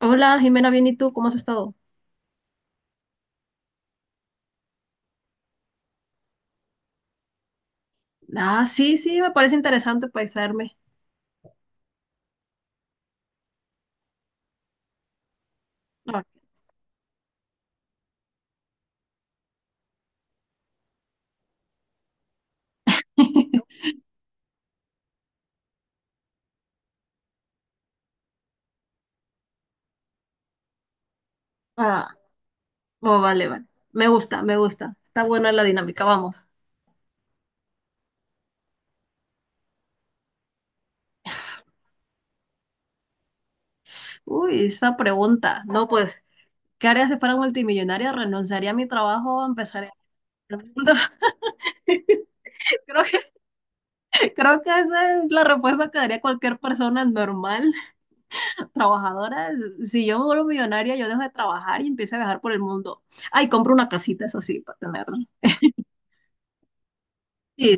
Hola, Jimena, bien, ¿y tú? ¿Cómo has estado? Ah, sí, sí, me parece interesante paisarme. Ah, ah, oh, vale, vale. Me gusta, me gusta. Está buena la dinámica, vamos. Uy, esa pregunta. No, pues, ¿qué haría si fuera multimillonaria? ¿Renunciaría a mi trabajo? ¿Empezaría a Creo que, creo que esa es la respuesta que daría cualquier persona normal, trabajadora. Si yo me vuelvo millonaria, yo dejo de trabajar y empiezo a viajar por el mundo. Ay, compro una casita, eso sí, para tenerla. Sí,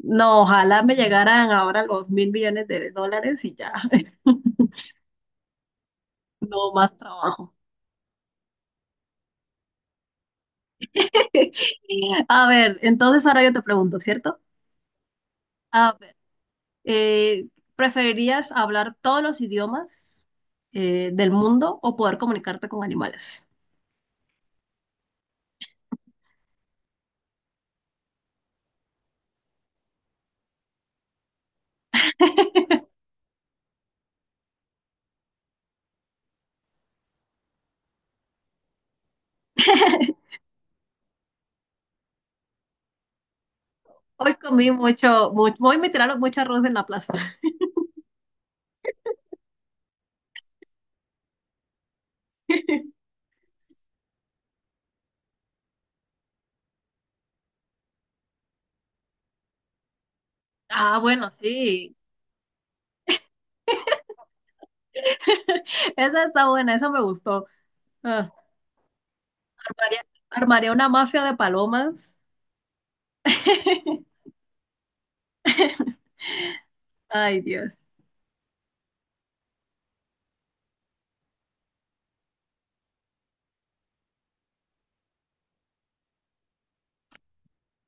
no, ojalá me llegaran ahora los $1.000.000.000 y ya, no más trabajo. A ver, entonces ahora yo te pregunto, ¿cierto? A ver, eh, ¿preferirías hablar todos los idiomas del mundo o poder comunicarte con animales? Hoy comí mucho, mucho, hoy me tiraron mucho arroz en la plaza. Ah, bueno, sí. Esa está buena, esa me gustó. Ah, armaría, armaría una mafia de palomas. Ay, Dios.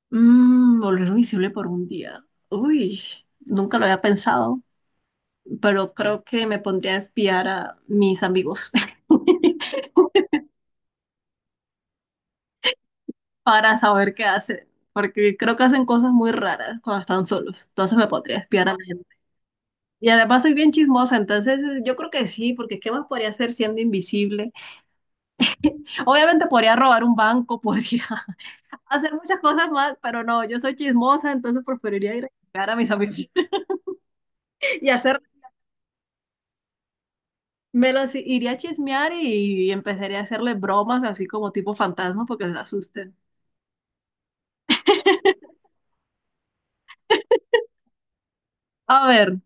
Mm, volver invisible por un día. Uy, nunca lo había pensado, pero creo que me pondría a espiar a mis amigos para saber qué hacen, porque creo que hacen cosas muy raras cuando están solos. Entonces me podría espiar a la gente. Y además soy bien chismosa, entonces yo creo que sí, porque ¿qué más podría hacer siendo invisible? Obviamente podría robar un banco, podría hacer muchas cosas más, pero no, yo soy chismosa, entonces preferiría ir a espiar a mis amigos y hacer me los iría a chismear y empezaría a hacerle bromas así como tipo fantasma porque se asusten. A ver,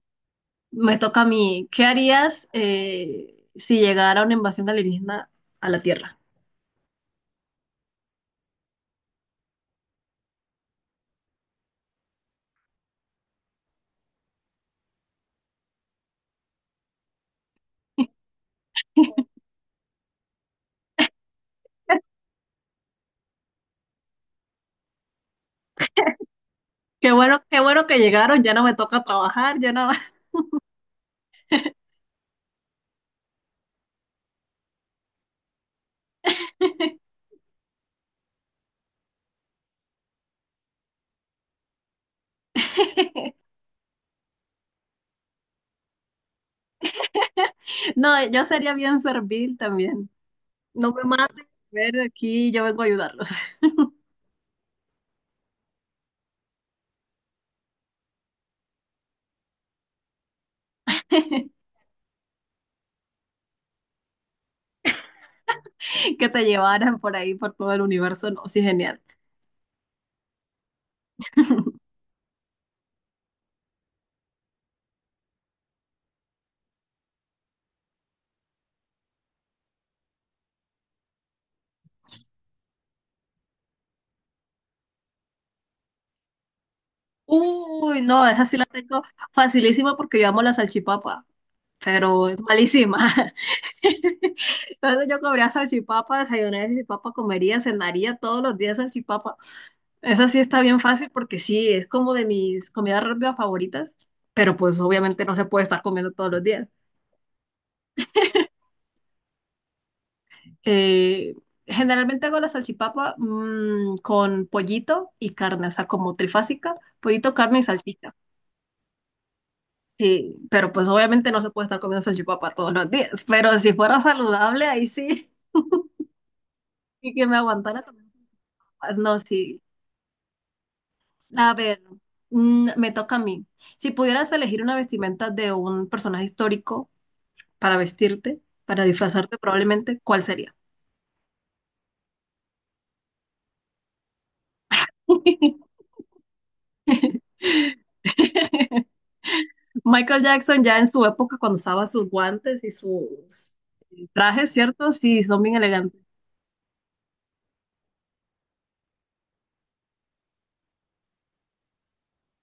me toca a mí. ¿Qué harías si llegara una invasión alienígena a la Tierra? Qué bueno que llegaron, ya no me toca trabajar, ya no. No, yo sería bien servil también. No me maten, ver aquí, yo vengo a ayudarlos. Que te llevaran por ahí, por todo el universo, no, sí, genial. Uy, no, esa sí la tengo facilísima porque yo amo la salchipapa, pero es malísima. Entonces yo comería salchipapa, desayunaría salchipapa, comería, cenaría todos los días salchipapa. Esa sí está bien fácil porque sí, es como de mis comidas rápidas favoritas, pero pues obviamente no se puede estar comiendo todos los días. Eh, generalmente hago la salchipapa mm, con pollito y carne, o sea, como trifásica, pollito, carne y salchicha. Sí, pero pues obviamente no se puede estar comiendo salchipapa todos los días, pero si fuera saludable, ahí sí, y que me aguantara comiendo. No, sí, a ver, mm, me toca a mí. Si pudieras elegir una vestimenta de un personaje histórico para vestirte, para disfrazarte probablemente, ¿cuál sería? Michael Jackson ya en su época cuando usaba sus guantes y sus trajes, ¿cierto? Sí, son bien elegantes.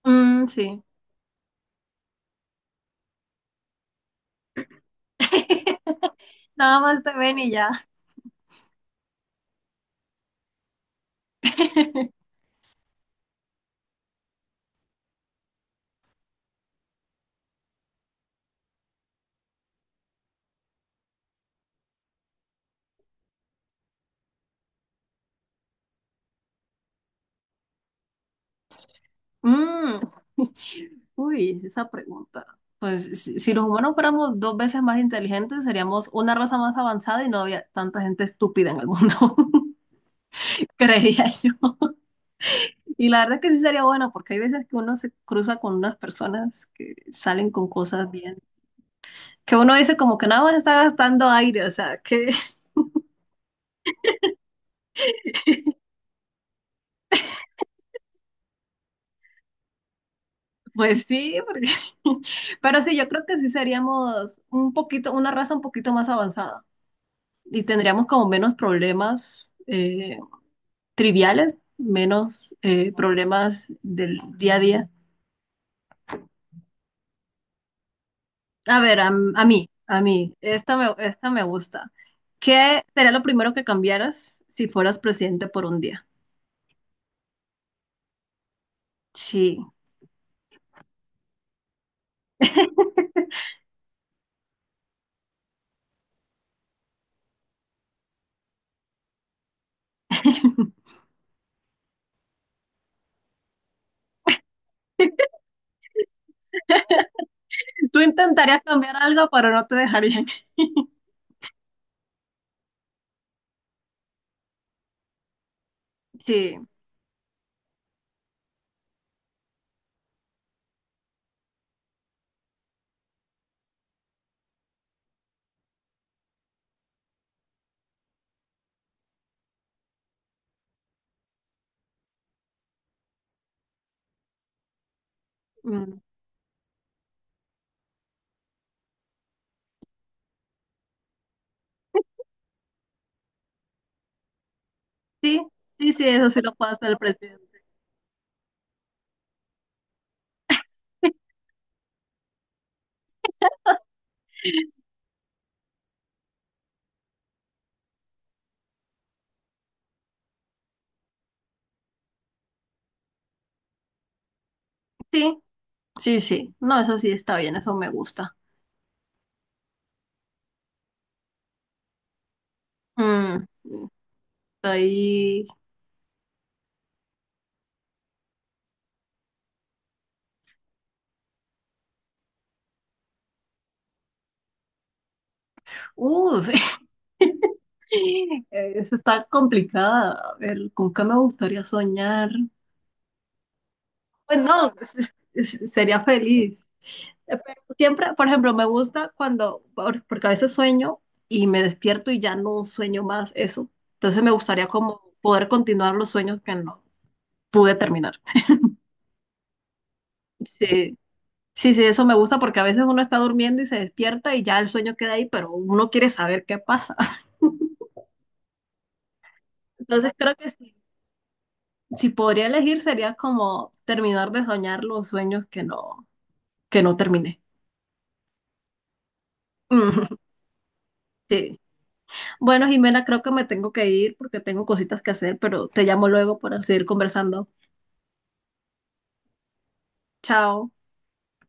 Mm, sí. Nada más te ven y ya. Mm. Uy, esa pregunta. Pues si los humanos fuéramos 2 veces más inteligentes, seríamos una raza más avanzada y no había tanta gente estúpida en el mundo, creería yo. Y la verdad es que sí sería bueno, porque hay veces que uno se cruza con unas personas que salen con cosas bien, que uno dice como que nada más está gastando aire, o sea, que pues sí, porque- pero sí, yo creo que sí seríamos un poquito, una raza un poquito más avanzada y tendríamos como menos problemas, triviales, menos problemas del día a día. A ver, a mí, esta me gusta. ¿Qué sería lo primero que cambiaras si fueras presidente por un día? Sí. Tú intentarías cambiar algo, pero no te dejarían. Sí, mm, sí, sí, sí, eso sí lo puede hacer el presidente. Sí, sí, sí. No, eso sí está bien, eso me gusta. Mm, estoy. Uf, eso está complicada. A ver, ¿con qué me gustaría soñar? Pues no, sería feliz. Pero siempre, por ejemplo, me gusta cuando, porque a veces sueño y me despierto y ya no sueño más eso. Entonces me gustaría como poder continuar los sueños que no pude terminar. Sí, sí, sí, eso me gusta porque a veces uno está durmiendo y se despierta y ya el sueño queda ahí, pero uno quiere saber qué pasa. Entonces creo que si, si podría elegir sería como terminar de soñar los sueños que no terminé. Sí. Bueno, Jimena, creo que me tengo que ir porque tengo cositas que hacer, pero te llamo luego para seguir conversando. Chao.